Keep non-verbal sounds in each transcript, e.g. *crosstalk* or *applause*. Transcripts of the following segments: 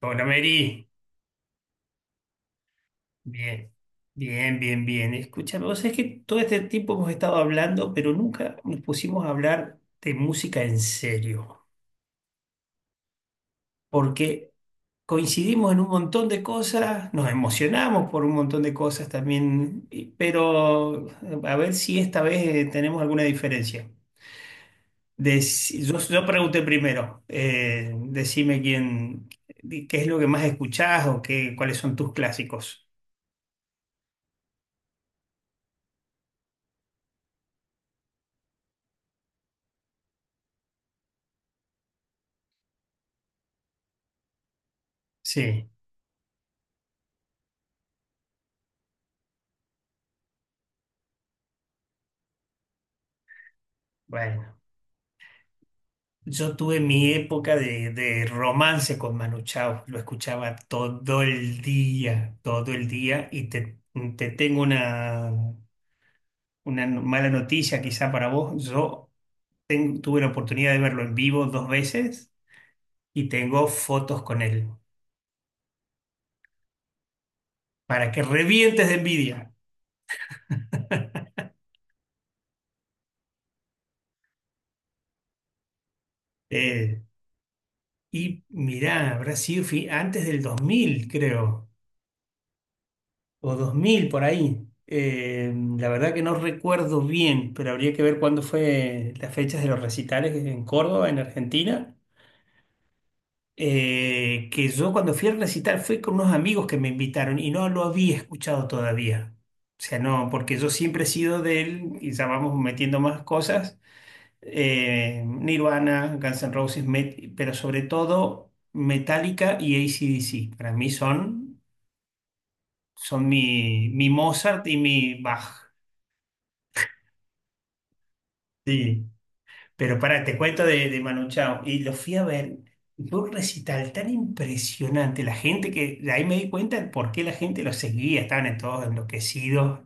Hola Mary, bien, bien, bien, bien. Escúchame, vos sabés que todo este tiempo hemos estado hablando, pero nunca nos pusimos a hablar de música en serio, porque coincidimos en un montón de cosas, nos emocionamos por un montón de cosas también, pero a ver si esta vez tenemos alguna diferencia. Yo pregunté primero, decime quién, qué es lo que más escuchás o qué, cuáles son tus clásicos. Sí, bueno. Yo tuve mi época de romance con Manu Chao, lo escuchaba todo el día, te tengo una no, mala noticia quizá para vos. Yo tuve la oportunidad de verlo en vivo dos veces y tengo fotos con él, para que revientes de envidia. Eh, y mirá, habrá sido antes del 2000, creo. O 2000 por ahí. La verdad que no recuerdo bien, pero habría que ver cuándo fue las fechas de los recitales en Córdoba, en Argentina. Que yo cuando fui al recital fui con unos amigos que me invitaron y no lo había escuchado todavía. O sea, no, porque yo siempre he sido del, y ya vamos metiendo más cosas, Nirvana, Guns N' Roses, pero sobre todo Metallica y AC/DC. Para mí son, son mi Mozart y mi Bach. Sí, pero pará, te cuento de Manu Chao. Y lo fui a ver, fue un recital tan impresionante. La gente que, de ahí me di cuenta de por qué la gente lo seguía, estaban en todos enloquecidos.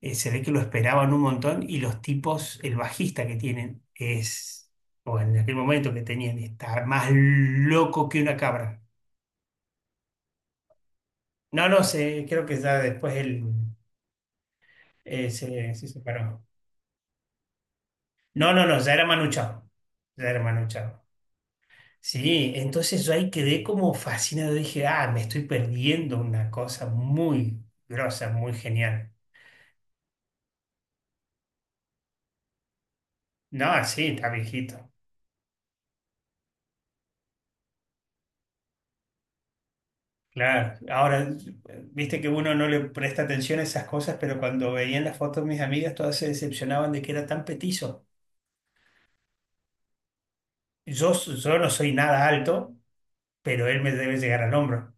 Se ve que lo esperaban un montón. Y los tipos, el bajista que tienen, es, o en aquel momento que tenían, está más loco que una cabra. No, no sé, creo que ya después él se separó. No, no, no, ya era Manu Chao. Ya era Manu Chao. Sí, entonces yo ahí quedé como fascinado. Dije, ah, me estoy perdiendo una cosa muy grosa, muy genial. No, sí, está viejito. Claro. Ahora, viste que uno no le presta atención a esas cosas, pero cuando veían las fotos mis amigas, todas se decepcionaban de que era tan petizo. Yo no soy nada alto, pero él me debe llegar al hombro.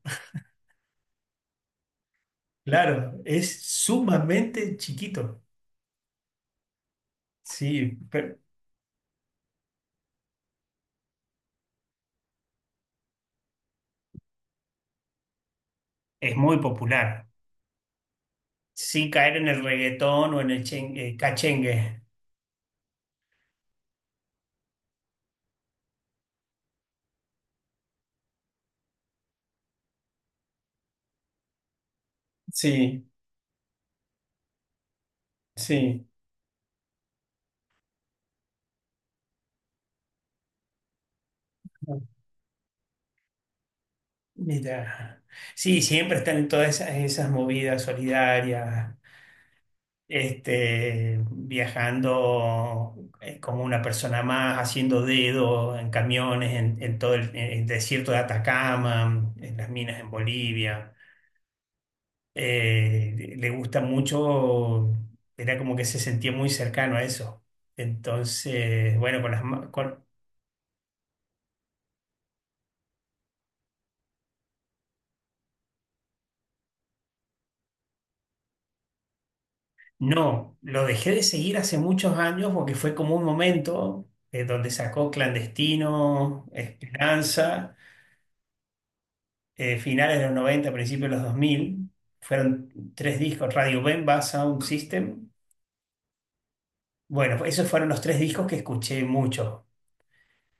Claro, es sumamente chiquito. Sí, pero es muy popular. Sin caer en el reggaetón o en el cachengue. Sí, sí. Mira. Sí, siempre están en todas esas movidas solidarias, este, viajando como una persona más, haciendo dedo en camiones, en todo en el desierto de Atacama, en las minas en Bolivia. Le gusta mucho, era como que se sentía muy cercano a eso. Entonces, bueno, con las, ma- con- no, lo dejé de seguir hace muchos años porque fue como un momento donde sacó Clandestino, Esperanza, finales de los 90, principios de los 2000. Fueron tres discos, Radio Bemba, Sound System. Bueno, esos fueron los tres discos que escuché mucho.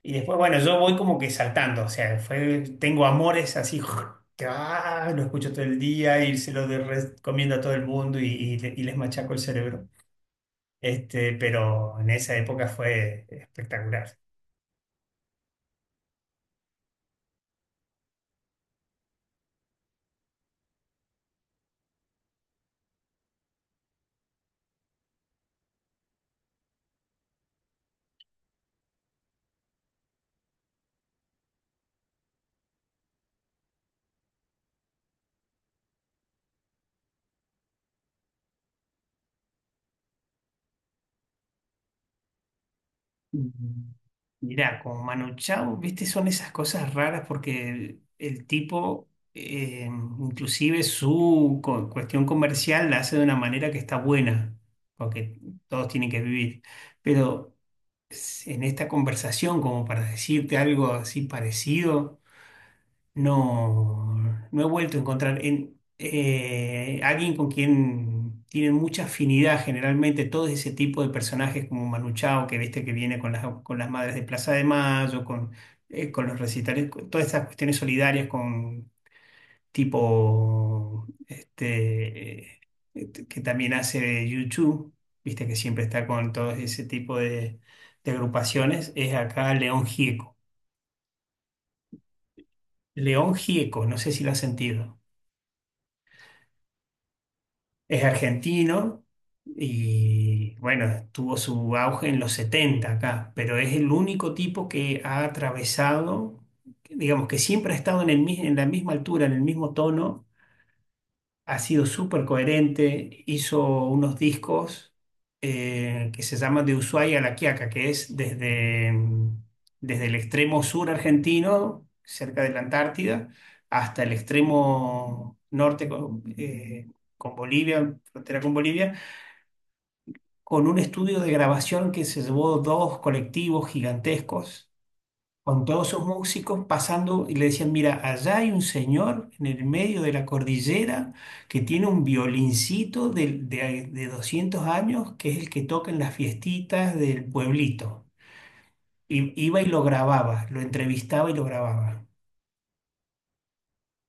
Y después, bueno, yo voy como que saltando, o sea, fue, tengo amores así, *laughs* que ah, lo escucho todo el día y recomiendo a todo el mundo y les machaco el cerebro. Este, pero en esa época fue espectacular. Y mirá, con Manu Chao, viste, son esas cosas raras porque el tipo, inclusive su cuestión comercial la hace de una manera que está buena, porque todos tienen que vivir. Pero en esta conversación, como para decirte algo así parecido. No, no he vuelto a encontrar en, alguien con quien tienen mucha afinidad generalmente todo ese tipo de personajes como Manu Chao, que viste que viene con las madres de Plaza de Mayo, con los recitales, con todas estas cuestiones solidarias con tipo este, que también hace YouTube, viste que siempre está con todo ese tipo de agrupaciones, es acá León Gieco. León Gieco, no sé si lo has sentido. Es argentino y bueno, tuvo su auge en los 70 acá, pero es el único tipo que ha atravesado, digamos que siempre ha estado en en la misma altura, en el mismo tono, ha sido súper coherente, hizo unos discos que se llaman De Ushuaia a La Quiaca, que es desde, desde el extremo sur argentino, cerca de la Antártida, hasta el extremo norte con Bolivia, frontera con Bolivia, con un estudio de grabación que se llevó dos colectivos gigantescos con todos esos músicos pasando y le decían, mira, allá hay un señor en el medio de la cordillera que tiene un violincito de 200 años, que es el que toca en las fiestitas del pueblito. Y iba y lo grababa, lo entrevistaba y lo grababa.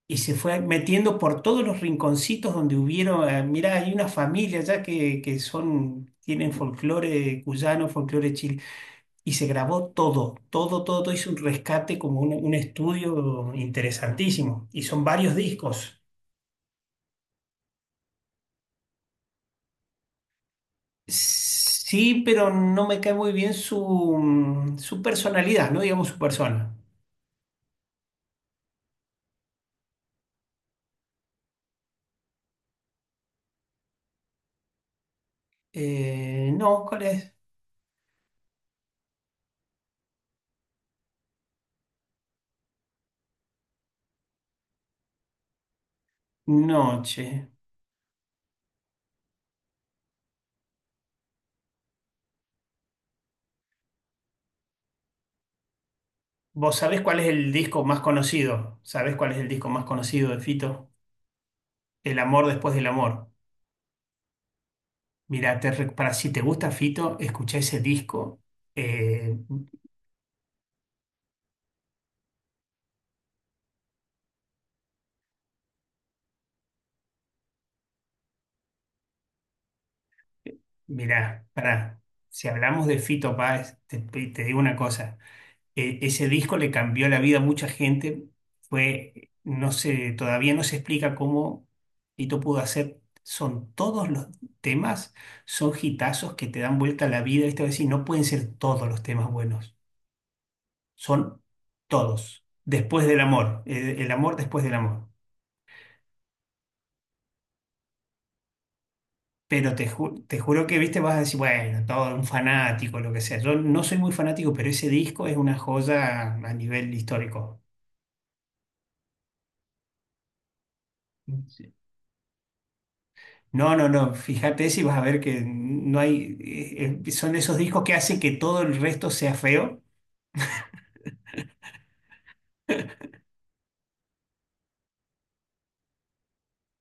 Y se fue metiendo por todos los rinconcitos donde hubieron, mira, hay una familia allá que son, tienen folclore cuyano, folclore chil. Y se grabó todo, todo, todo, todo. Hizo un rescate como un estudio interesantísimo. Y son varios discos. Sí, pero no me cae muy bien su, su personalidad, no digamos su persona. No, ¿cuál es? Noche. ¿Vos sabés cuál es el disco más conocido? ¿Sabés cuál es el disco más conocido de Fito? El amor después del amor. Mira, para si te gusta Fito, escuchá ese disco. Eh, Mirá, pará, si hablamos de Fito Páez, te digo una cosa, ese disco le cambió la vida a mucha gente, fue, no sé, todavía no se explica cómo Fito pudo hacer, son todos los temas, son hitazos que te dan vuelta a la vida, esta vez sí, no pueden ser todos los temas buenos, son todos, después del amor, el amor después del amor. Pero te juro que, viste, vas a decir, bueno, todo un fanático, lo que sea. Yo no soy muy fanático, pero ese disco es una joya a nivel histórico. Sí. No, no, no, fíjate si vas a ver que no hay, son esos discos que hacen que todo el resto sea feo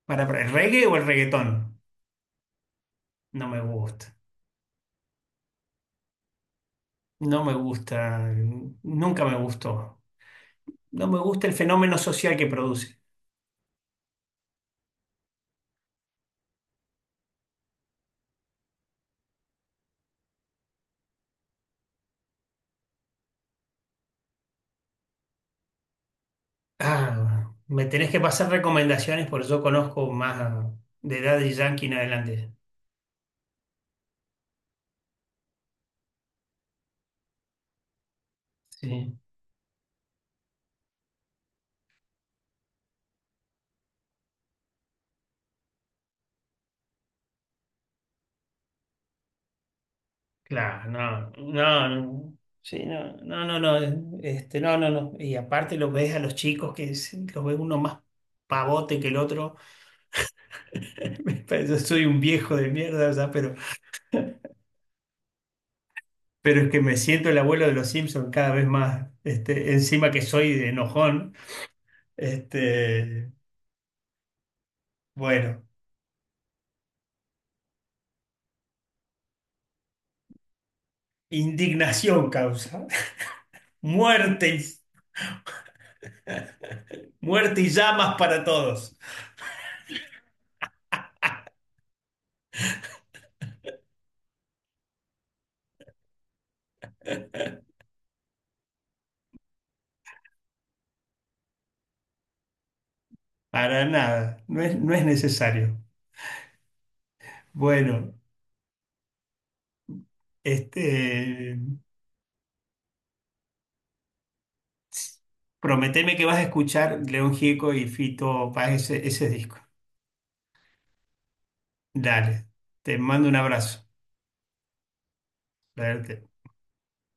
para el reggae o el reggaetón. No me gusta, no me gusta, nunca me gustó. No me gusta el fenómeno social que produce. Ah, me tenés que pasar recomendaciones porque yo conozco más de Daddy Yankee en adelante. Sí, claro, no, no, no, sí, no, no, no, no, este, no, no, no. Y aparte los ves a los chicos que los ves uno más pavote que el otro. *laughs* Me parece- Yo soy un viejo de mierda, o sea, pero es que me siento el abuelo de los Simpson cada vez más, este, encima que soy de enojón, este, bueno, indignación causa, *laughs* muerte, y- muerte y llamas para todos. Para nada, no es, no es necesario. Bueno. Este, prometeme que vas a escuchar León Gieco y Fito Páez ese disco. Dale, te mando un abrazo. Dale, te-